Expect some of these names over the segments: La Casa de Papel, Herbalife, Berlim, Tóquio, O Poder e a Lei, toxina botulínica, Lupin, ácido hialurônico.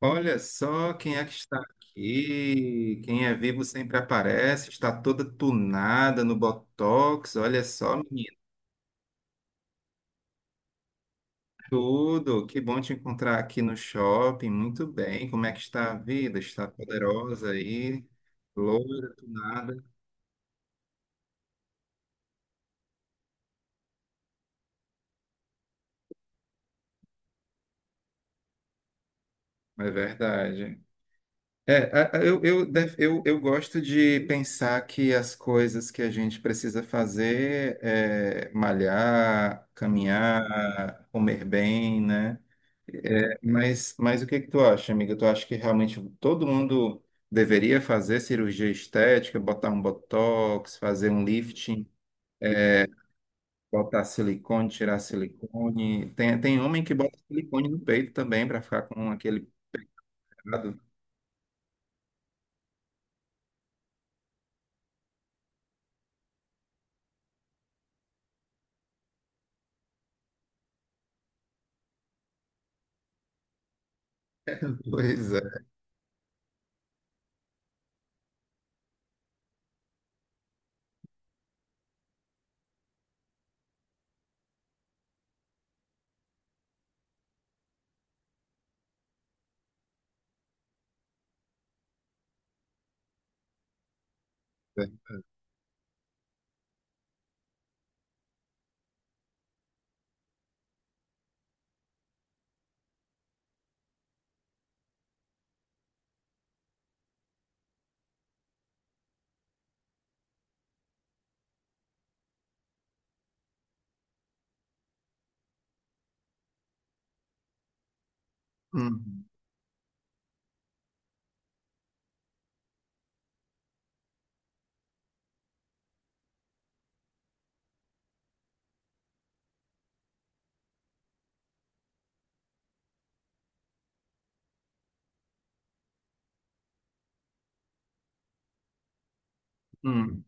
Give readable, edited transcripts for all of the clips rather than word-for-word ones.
Olha só quem é que está aqui. Quem é vivo sempre aparece. Está toda tunada no Botox. Olha só, menina. Tudo. Que bom te encontrar aqui no shopping. Muito bem. Como é que está a vida? Está poderosa aí? Loura, tunada. É verdade. Eu gosto de pensar que as coisas que a gente precisa fazer é malhar, caminhar, comer bem, né? Mas o que que tu acha, amiga? Tu acha que realmente todo mundo deveria fazer cirurgia estética, botar um botox, fazer um lifting, botar silicone, tirar silicone? Tem homem que bota silicone no peito também para ficar com aquele pecado. Pois é. Uhum. Uhum.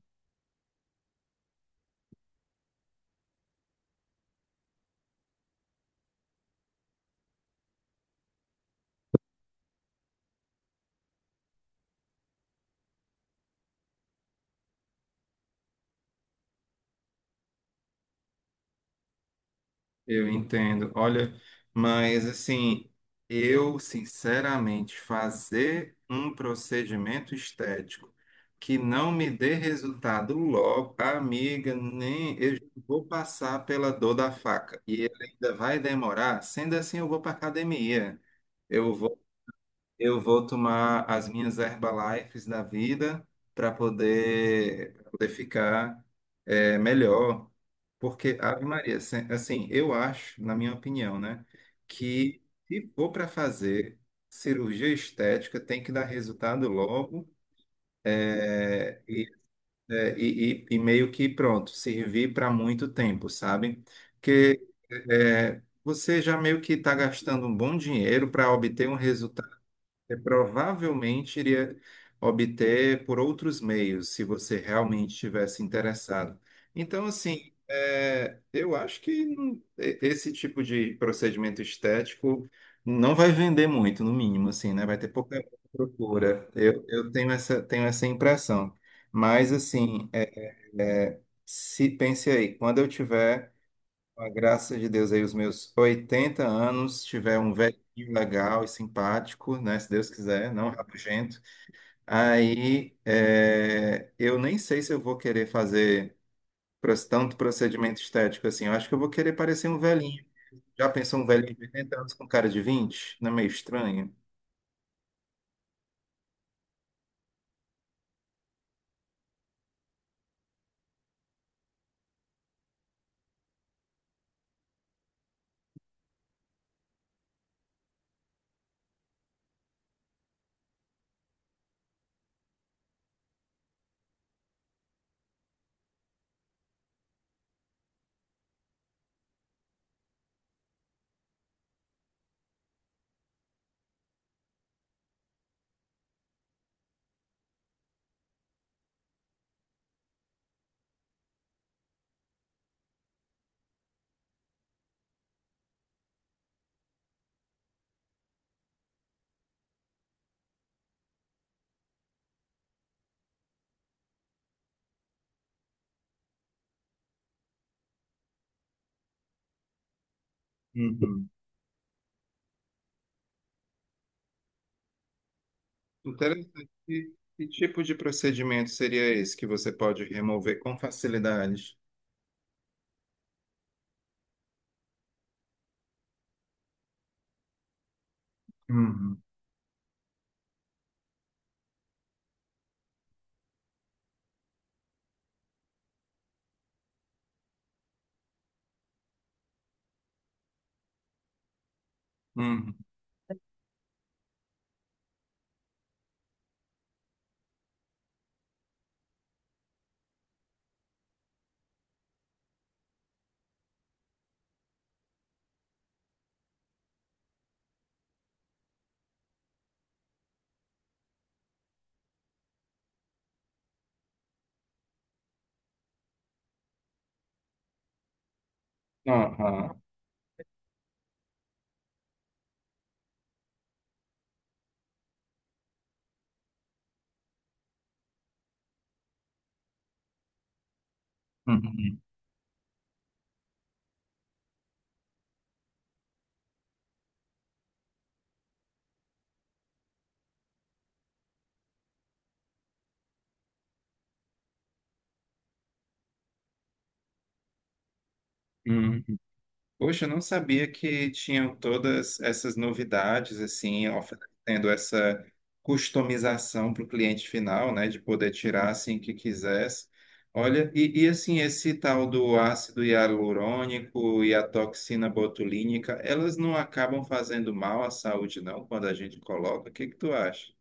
Eu entendo. Olha, mas assim, eu sinceramente fazer um procedimento estético que não me dê resultado logo, amiga, nem eu já vou passar pela dor da faca e ele ainda vai demorar. Sendo assim, eu vou para academia. Eu vou eu vou tomar as minhas Herbalifes da vida para poder, pra poder ficar melhor. Porque, Ave Maria, assim, eu acho, na minha opinião, né, que se for para fazer cirurgia estética, tem que dar resultado logo é, e, e meio que pronto, servir para muito tempo, sabe? Porque você já meio que está gastando um bom dinheiro para obter um resultado você provavelmente iria obter por outros meios, se você realmente estivesse interessado. Então, assim, eu acho que esse tipo de procedimento estético não vai vender muito, no mínimo, assim, né? Vai ter pouca procura. Eu tenho essa impressão. Mas, assim, se pense aí, quando eu tiver com a graça de Deus aí, os meus 80 anos, tiver um velhinho legal e simpático, né? Se Deus quiser, não rabugento. Aí, eu nem sei se eu vou querer fazer tanto procedimento estético assim. Eu acho que eu vou querer parecer um velhinho. Já pensou um velhinho de 80 anos com cara de vinte? Não é meio estranho? Uhum. Interessante. E que tipo de procedimento seria esse que você pode remover com facilidade? Uhum. Uhum. Aham. Uhum. Uhum. Poxa, eu não sabia que tinham todas essas novidades, assim, oferecendo essa customização para o cliente final, né, de poder tirar assim que quisesse. Olha, assim, esse tal do ácido hialurônico e a toxina botulínica, elas não acabam fazendo mal à saúde, não, quando a gente coloca? O que que tu acha?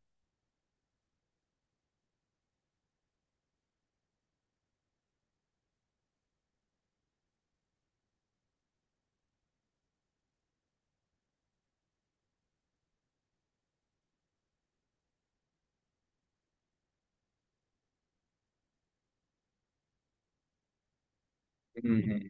Uhum,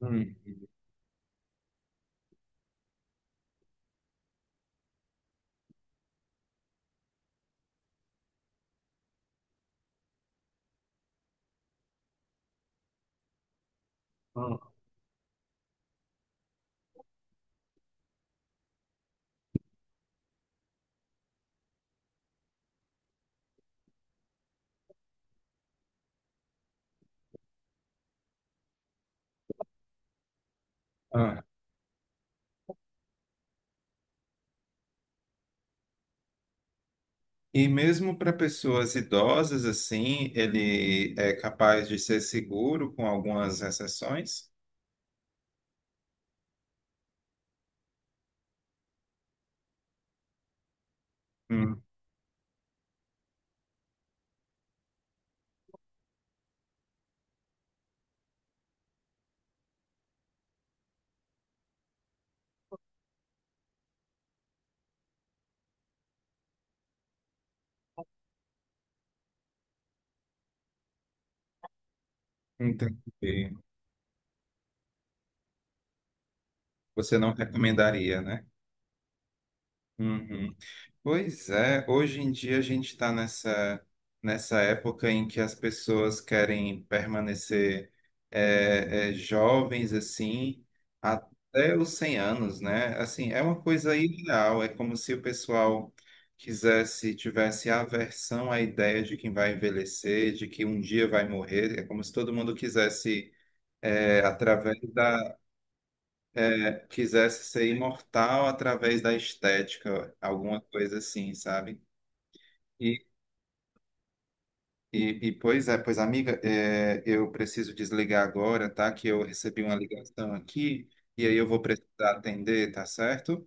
uhum, uhum. E mesmo para pessoas idosas, assim, ele é capaz de ser seguro com algumas exceções? Hum, entendi. Você não recomendaria, né? Uhum. Pois é, hoje em dia a gente está nessa época em que as pessoas querem permanecer jovens assim até os 100 anos, né? Assim, é uma coisa ideal, é como se o pessoal quisesse, tivesse aversão à ideia de que vai envelhecer, de que um dia vai morrer, é como se todo mundo quisesse, é, através da, quisesse ser imortal através da estética, alguma coisa assim, sabe? E e pois amiga, eu preciso desligar agora, tá? Que eu recebi uma ligação aqui e aí eu vou precisar atender, tá certo?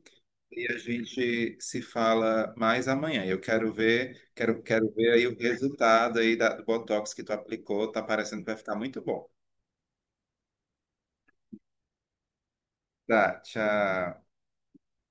E a gente se fala mais amanhã. Eu quero ver, quero ver aí o resultado aí do Botox que tu aplicou. Tá parecendo que vai ficar muito bom. Tá, tchau.